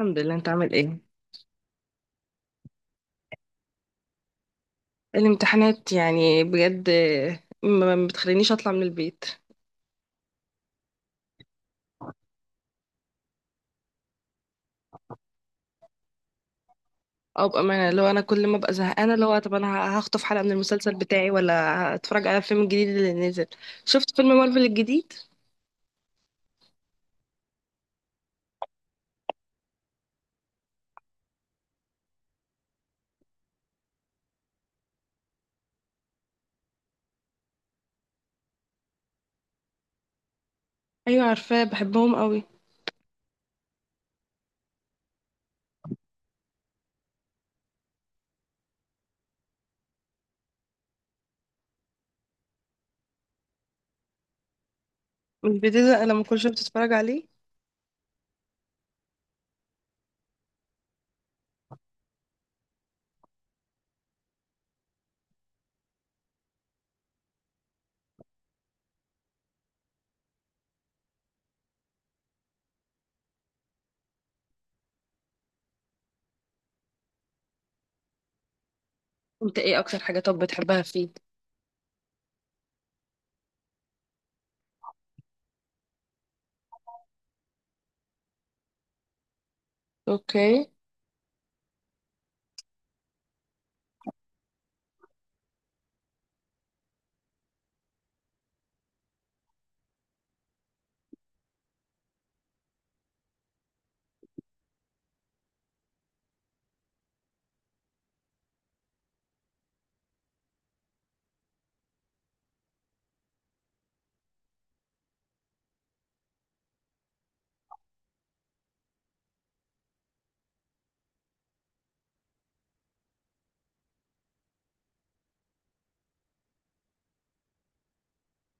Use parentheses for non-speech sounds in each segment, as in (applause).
الحمد لله، انت عامل ايه؟ الامتحانات يعني بجد ما بتخلينيش اطلع من البيت. او بامانه، لو انا كل ما ابقى زهقانه، لو طب انا هخطف حلقه من المسلسل بتاعي ولا اتفرج على الفيلم الجديد اللي نزل. شفت فيلم مارفل الجديد؟ ايوه عارفاه، بحبهم قوي. مش بتزهق لما كل شويه بتتفرج عليه؟ انت ايه اكتر حاجه طب بتحبها فيه؟ اوكي.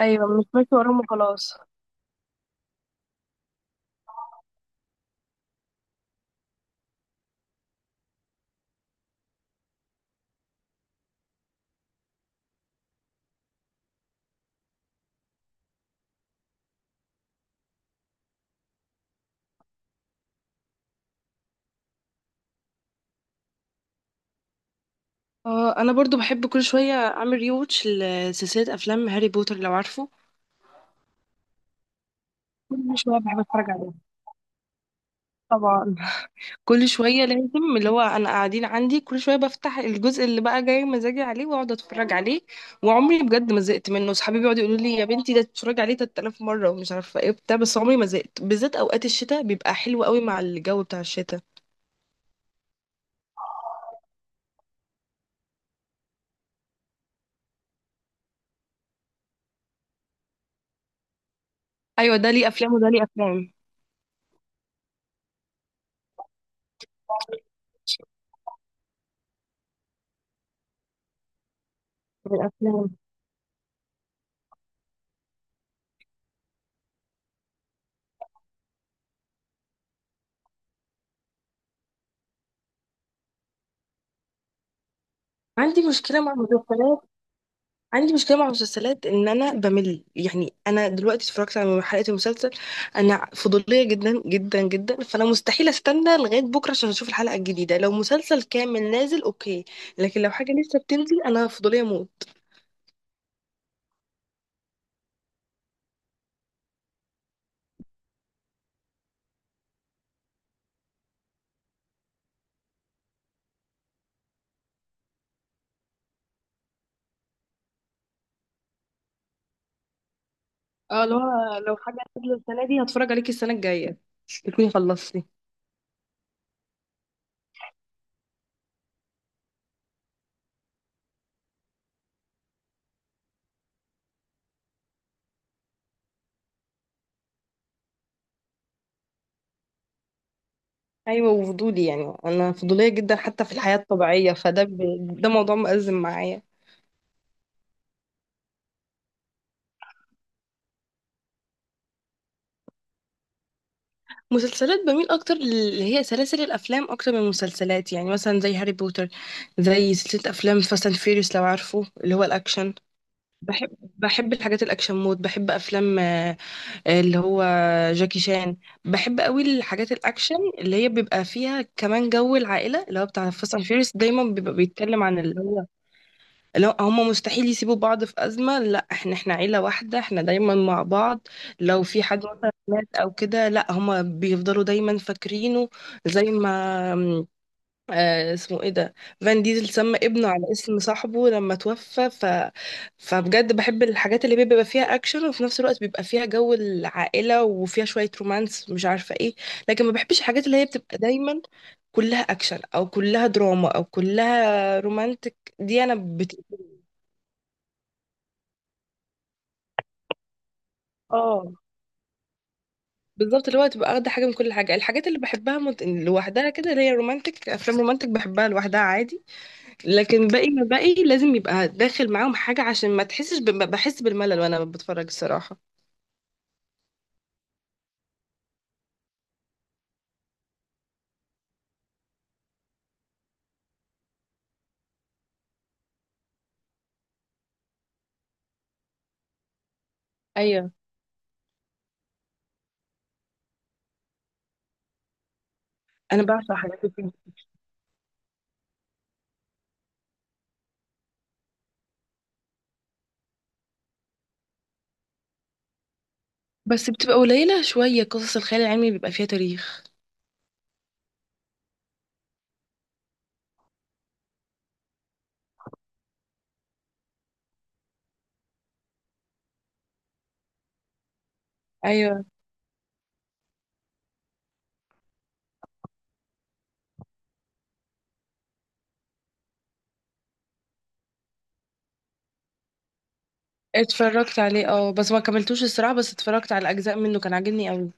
ايوه، مش ماشي وراهم وخلاص. اه، انا برضو بحب كل شويه اعمل ريوتش لسلسله افلام هاري بوتر لو عارفه. كل شويه بحب اتفرج عليها. طبعا. كل شوية لازم. اللي هو أنا قاعدين عندي كل شوية بفتح الجزء اللي بقى جاي مزاجي عليه وأقعد أتفرج عليه. وعمري بجد ما زهقت منه، صحابي بيقعدوا يقولوا لي يا بنتي ده تتفرج عليه 3,000 مرة ومش عارفة إيه بتاع، بس عمري ما زهقت، بالذات أوقات الشتاء بيبقى حلو قوي مع الجو بتاع الشتاء. أيوة، ده ليه أفلام وده ليه أفلام. الأفلام. عندي مشكلة مع المسلسلات، عندي مشكلة مع المسلسلات إن أنا بمل، يعني أنا دلوقتي اتفرجت على حلقة المسلسل. أنا فضولية جدا جدا جدا، فأنا مستحيل أستنى لغاية بكرة عشان أشوف الحلقة الجديدة، لو مسلسل كامل نازل أوكي، لكن لو حاجة لسه بتنزل أنا فضولية موت. اه، لو حاجة نازلة السنة دي هتفرج عليكي السنة الجاية تكوني خلصتي. أيوة، وفضولي يعني أنا فضولية جدا حتى في الحياة الطبيعية، ده موضوع مأزم معايا. مسلسلات بميل اكتر اللي هي سلاسل الافلام اكتر من المسلسلات، يعني مثلا زي هاري بوتر، زي سلسله افلام فاست اند فيريوس لو عارفه، اللي هو الاكشن. بحب الحاجات الاكشن مود، بحب افلام اللي هو جاكي شان. بحب قوي الحاجات الاكشن اللي هي بيبقى فيها كمان جو العائله، اللي هو بتاع فاست اند فيريوس دايما بيبقى بيتكلم عن اللي هو لو هما مستحيل يسيبوا بعض في أزمة، لا احنا عيلة واحدة، احنا دايما مع بعض. لو في حد مثلا مات أو كده لا هما بيفضلوا دايما فاكرينه. زي ما م، اسمه ايه ده؟ فان ديزل سمى ابنه على اسم صاحبه لما توفى، فبجد بحب الحاجات اللي بيبقى فيها اكشن وفي نفس الوقت بيبقى فيها جو العائلة وفيها شوية رومانس مش عارفة ايه. لكن ما بحبش الحاجات اللي هي بتبقى دايما كلها اكشن او كلها دراما او كلها رومانتك، اه، بالظبط، اللي هو تبقى واخده حاجه من كل حاجه. الحاجات اللي بحبها لوحدها كده اللي هي رومانتك، افلام رومانتك بحبها لوحدها عادي. لكن باقي ما باقي لازم يبقى داخل معاهم حاجه عشان ما تحسش بحس بالملل وانا بتفرج الصراحه. ايوه، انا بعشق حاجات كده. بس بتبقى قليله شويه قصص الخيال العلمي بيبقى فيها تاريخ. ايوه اتفرجت عليه، اه بس ما كملتوش الصراحه، بس اتفرجت على اجزاء منه كان عاجبني قوي.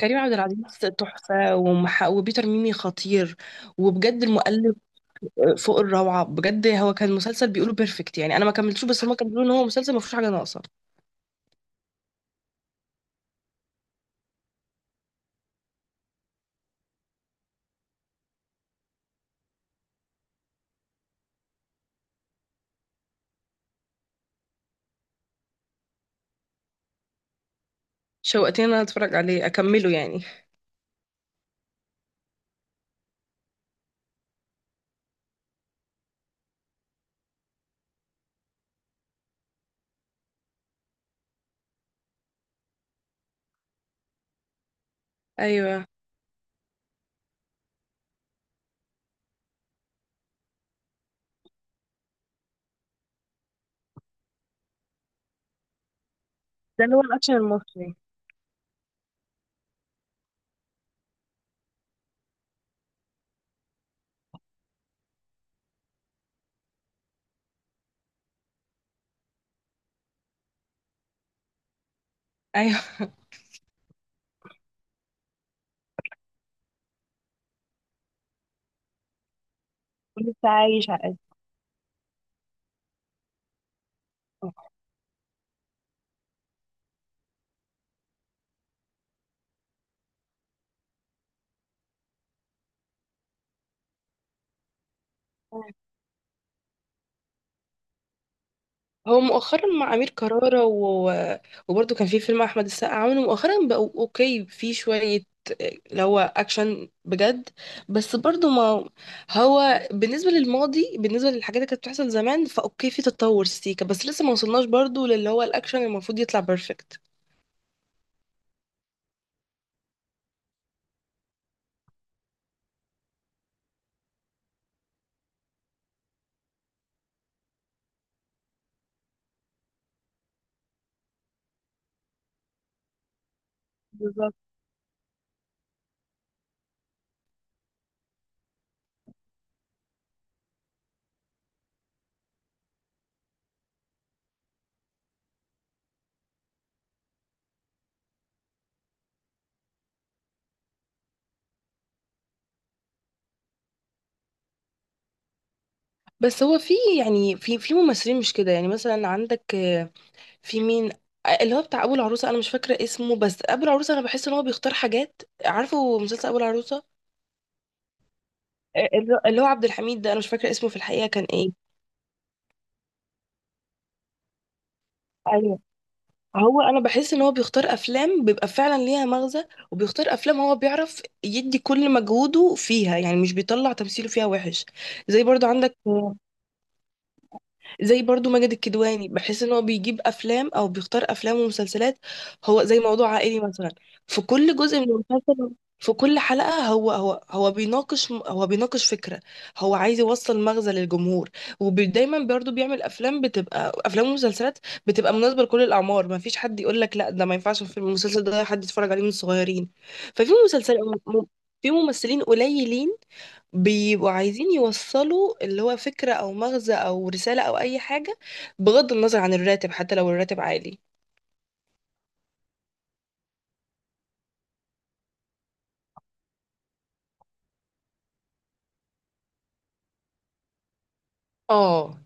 كريم عبد العزيز تحفه، وبيتر ميمي خطير، وبجد المؤلف فوق الروعة. بجد هو كان مسلسل بيقولوا بيرفكت، يعني انا ما كملتوش بس هما كانوا بيقولوا ان هو مسلسل ما فيهوش حاجة ناقصة. شوقتني ان انا اتفرج عليه اكمله يعني. ايوه، ده اللي هو الأكشن المصري. ايوه، (laughs) ولسه عايش على قد. هو مؤخرا مع امير كرارة وبرضه كان في فيلم احمد السقا عامله مؤخرا بقوا اوكي في شويه، اللي هو اكشن بجد. بس برضه ما هو بالنسبه للماضي، بالنسبه للحاجات اللي كانت بتحصل زمان فاوكي في تطور سيكا، بس لسه ما وصلناش برضه للي هو الاكشن اللي المفروض يطلع بيرفكت. بالظبط. بس هو في، يعني في ممثلين مش كده، يعني مثلا عندك في مين، اللي هو بتاع ابو العروسه انا مش فاكره اسمه، بس ابو العروسه انا بحس ان هو بيختار حاجات، عارفه مسلسل ابو العروسه؟ اللي هو عبد الحميد ده انا مش فاكره اسمه في الحقيقه كان ايه. ايوه. هو انا بحس ان هو بيختار افلام بيبقى فعلا ليها مغزى، وبيختار افلام هو بيعرف يدي كل مجهوده فيها، يعني مش بيطلع تمثيله فيها وحش. زي برضو عندك، زي برضو ماجد الكدواني بحس ان هو بيجيب افلام او بيختار افلام ومسلسلات هو زي موضوع عائلي مثلا. في كل جزء من المسلسل، في كل حلقة هو بيناقش فكرة، هو عايز يوصل مغزى للجمهور. ودايما برضو بيعمل افلام بتبقى افلام ومسلسلات بتبقى مناسبة لكل الاعمار، ما فيش حد يقول لك لا ده ما ينفعش في المسلسل ده حد يتفرج عليه من الصغيرين. ففي مسلسل م- في ممثلين قليلين بيبقوا عايزين يوصلوا اللي هو فكرة أو مغزى أو رسالة أو أي حاجة، بغض النظر عن الراتب حتى لو الراتب عالي. اه،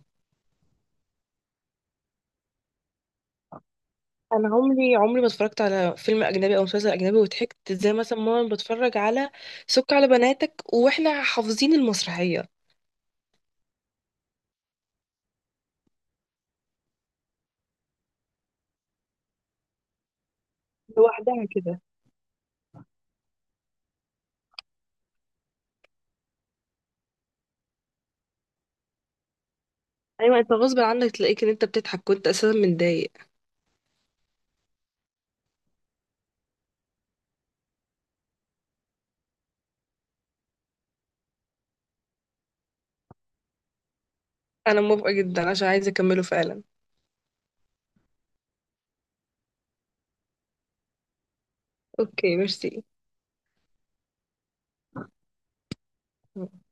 أنا عمري عمري ما اتفرجت على فيلم أجنبي أو مسلسل أجنبي وضحكت زي مثلا ماما بتفرج على سك على بناتك، وإحنا حافظين المسرحية. لوحدها كده. أيوة، أنت غصب عنك تلاقيك إن أنت بتضحك كنت أساسا متضايق. أنا موافقة جدا عشان عايزة أكمله فعلا. أوكي، ميرسي.